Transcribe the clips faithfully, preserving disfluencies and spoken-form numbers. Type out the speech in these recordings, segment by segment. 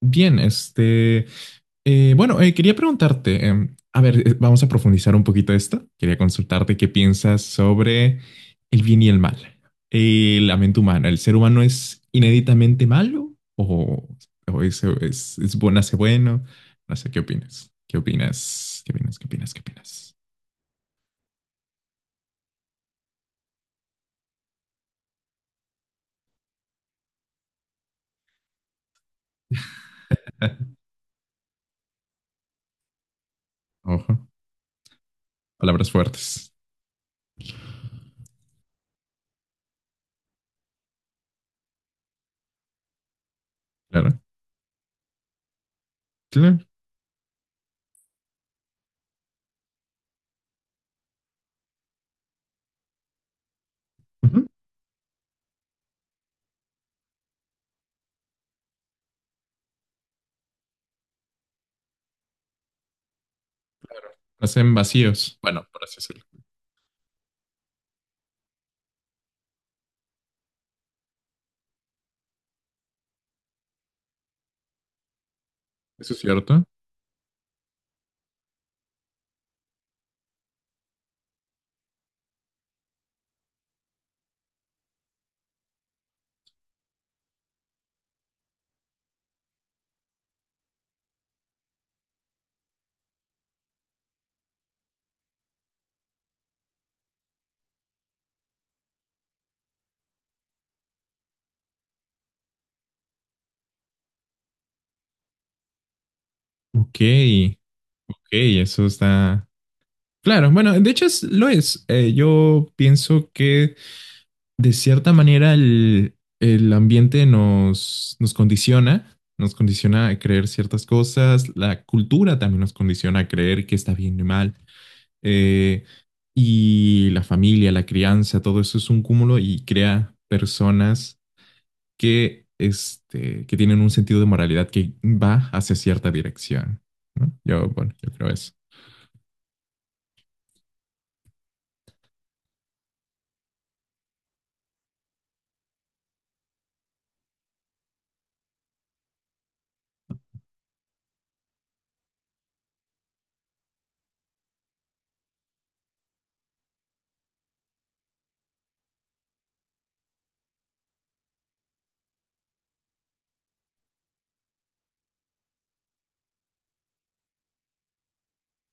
Bien, este, eh, bueno, eh, quería preguntarte, em, a ver, eh, vamos a profundizar un poquito esto. Quería consultarte qué piensas sobre el bien y el mal. Eh, la mente humana. ¿El ser humano es inéditamente malo o, o es, es, es bueno, hace bueno? No sé, ¿qué opinas? ¿Qué opinas? ¿Qué opinas? ¿Qué opinas? ¿Qué opinas? Ojo, palabras fuertes. Claro, claro. Ujú. Nacen vacíos. Bueno, por así decirlo. Eso es cierto. Ok, ok, eso está. Claro, bueno, de hecho es- lo es. Eh, yo pienso que de cierta manera el, el ambiente nos, nos condiciona, nos condiciona a creer ciertas cosas, la cultura también nos condiciona a creer que está bien y mal, eh, y la familia, la crianza, todo eso es un cúmulo y crea personas que, este, que tienen un sentido de moralidad que va hacia cierta dirección, ¿no? Yo, bueno, yo creo eso.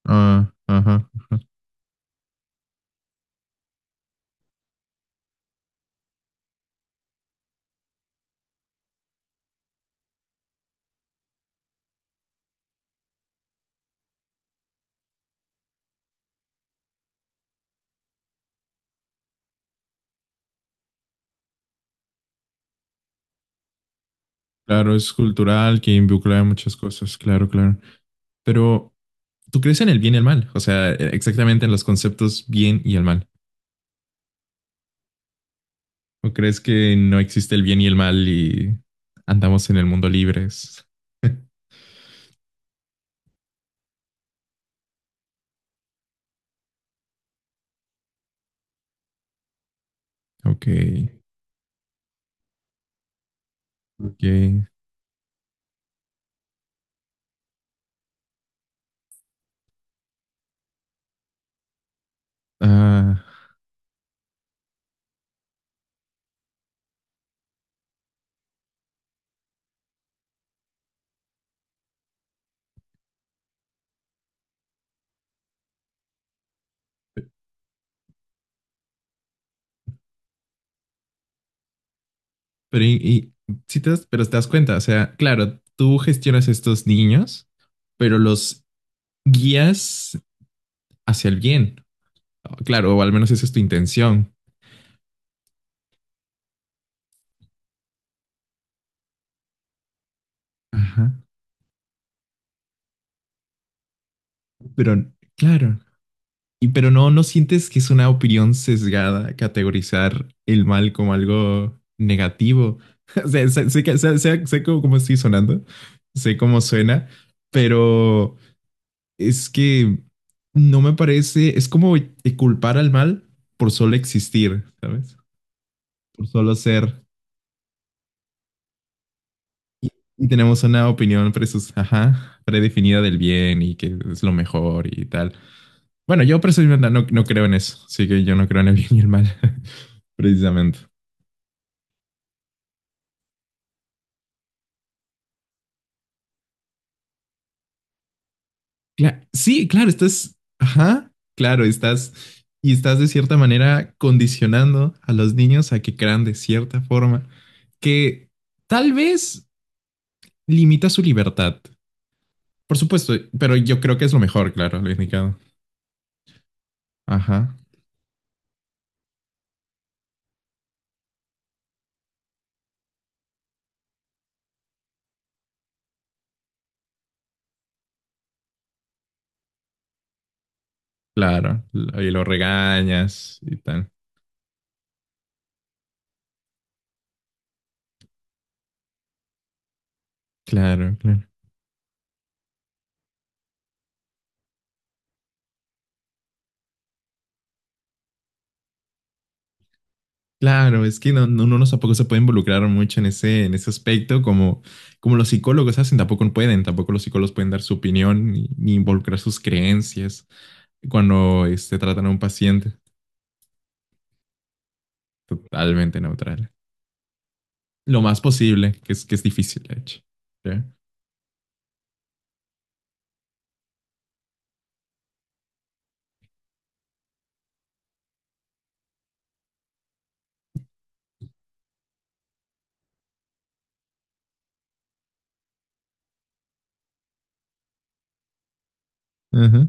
Ah, ajá. Claro, es cultural, que involucra muchas cosas, claro, claro. Pero, ¿tú crees en el bien y el mal? O sea, eh, exactamente en los conceptos bien y el mal. ¿O crees que no existe el bien y el mal y andamos en el mundo libres? Ok, ok. Ah, pero, y, y- sí te das- pero te das cuenta, o sea, claro, tú gestionas estos niños, pero los guías hacia el bien. Claro, o al menos esa es tu intención. Ajá. Pero, claro. Y pero no, ¿no sientes que es una opinión sesgada categorizar el mal como algo negativo? O sea, sé, sé que- sé- sé- sé cómo, cómo estoy sonando, sé cómo suena, pero es que no me parece, es como culpar al mal por solo existir, ¿sabes? Por solo ser. Y y tenemos una opinión presus, ajá, predefinida del bien y que es lo mejor y tal. Bueno, yo personalmente no, no creo en eso, así que yo no creo en el bien y el mal, precisamente. Cla- sí, claro, estás, ajá, claro, estás y estás de cierta manera condicionando a los niños a que crean de cierta forma que tal vez limita su libertad. Por supuesto, pero yo creo que es lo mejor, claro, lo indicado. Ajá, claro, y lo regañas y tal. Claro, claro. Claro, es que no, no, uno no tampoco se puede involucrar mucho en ese, en ese aspecto, como, como los psicólogos hacen, tampoco pueden, tampoco los psicólogos pueden dar su opinión ni, ni involucrar sus creencias cuando este, tratan a un paciente totalmente neutral. Lo más posible, que es, que es difícil, de hecho. ¿Ya? Ajá.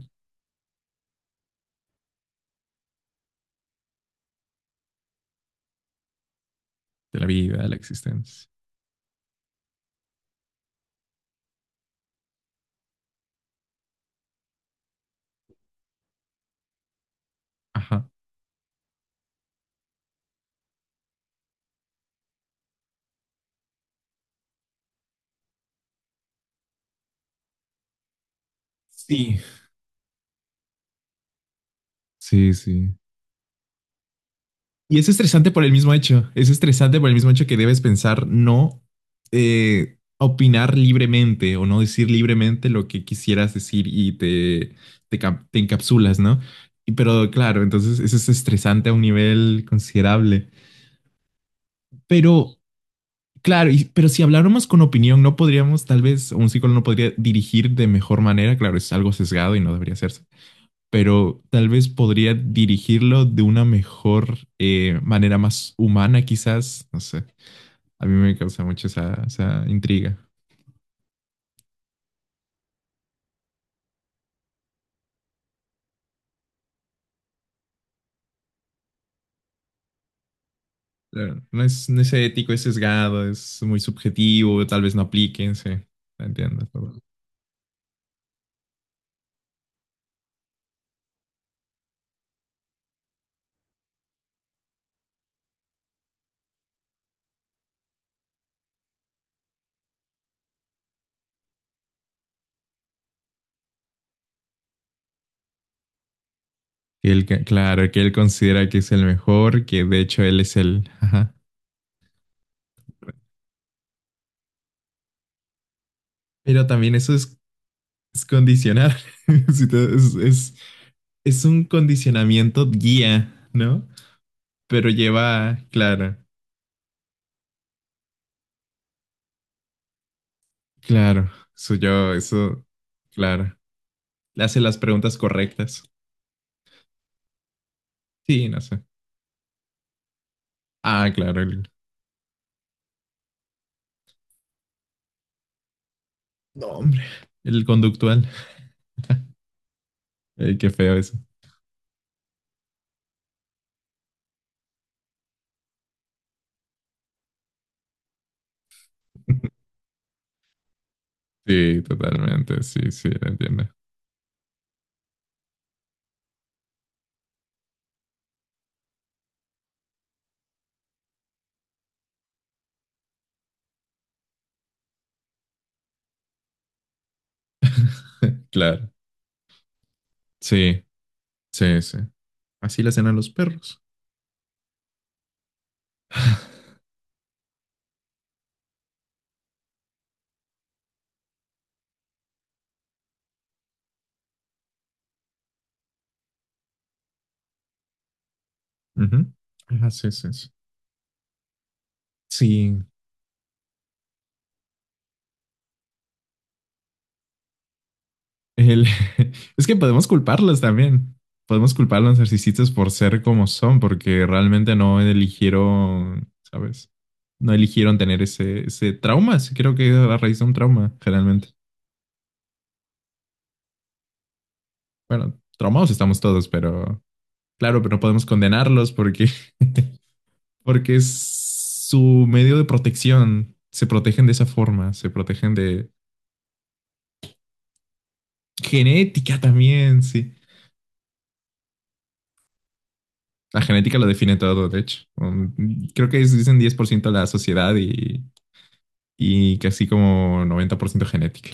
De la vida, de la existencia. Ajá. Sí, sí, sí. Y es estresante por el mismo hecho. Es estresante por el mismo hecho que debes pensar no eh, opinar libremente o no decir libremente lo que quisieras decir y te, te, cap- te encapsulas, ¿no? Y, pero claro, entonces eso es estresante a un nivel considerable. Pero claro, y- pero si habláramos con opinión, no podríamos, tal vez, un psicólogo no podría dirigir de mejor manera. Claro, es algo sesgado y no debería hacerse pero tal vez podría dirigirlo de una mejor eh, manera más humana, quizás. No sé. A mí me causa mucho esa, esa intriga. Eh, No es, no es ético, es sesgado, es muy subjetivo, tal vez no apliquen, sí. Entiendo. Todo. Que él, que- claro, que él considera que es el mejor, que de hecho él es el. Ajá. Pero también eso es, es condicionar. Si te- Es, es, es un condicionamiento guía, ¿no? Pero lleva, claro. Claro, soy yo, eso, claro. Le hace las preguntas correctas. Sí, no sé. Ah, claro, el no, hombre, el conductual. Ey, qué feo eso. Sí, totalmente, sí, sí, entiendo. Claro, sí, sí, sí. Así le hacen a los perros. Ujú. Ah, sí, sí, sí. Sí, el- es que podemos culparlos también. Podemos culpar a los narcisistas por ser como son, porque realmente no eligieron, ¿sabes? No eligieron tener ese, ese trauma. Sí, creo que es la raíz de un trauma, generalmente. Bueno, traumados estamos todos, pero claro, pero no podemos condenarlos porque, porque es su medio de protección. Se protegen de esa forma, se protegen de genética también, sí. La genética lo define todo, de hecho. Um, creo que es- dicen diez por ciento la sociedad y, y casi como noventa por ciento genética.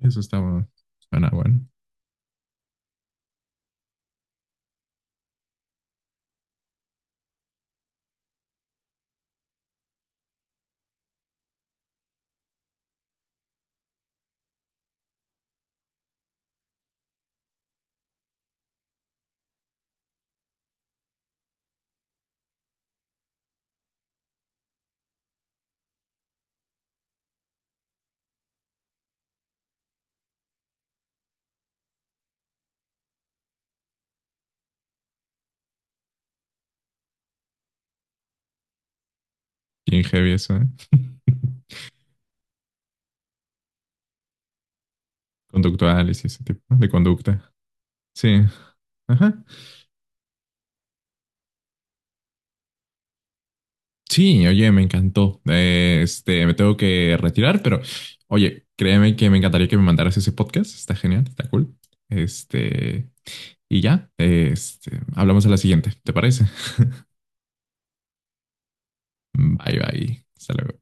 Eso está bueno. Suena bueno. Bien heavy eso, ¿eh? Conductuales y ese tipo de conducta. Sí. Ajá. Sí, oye, me encantó. Eh, este, me tengo que retirar, pero oye, créeme que me encantaría que me mandaras ese podcast. Está genial, está cool. Este, y ya, este, hablamos a la siguiente, ¿te parece? Bye, bye. Hasta luego.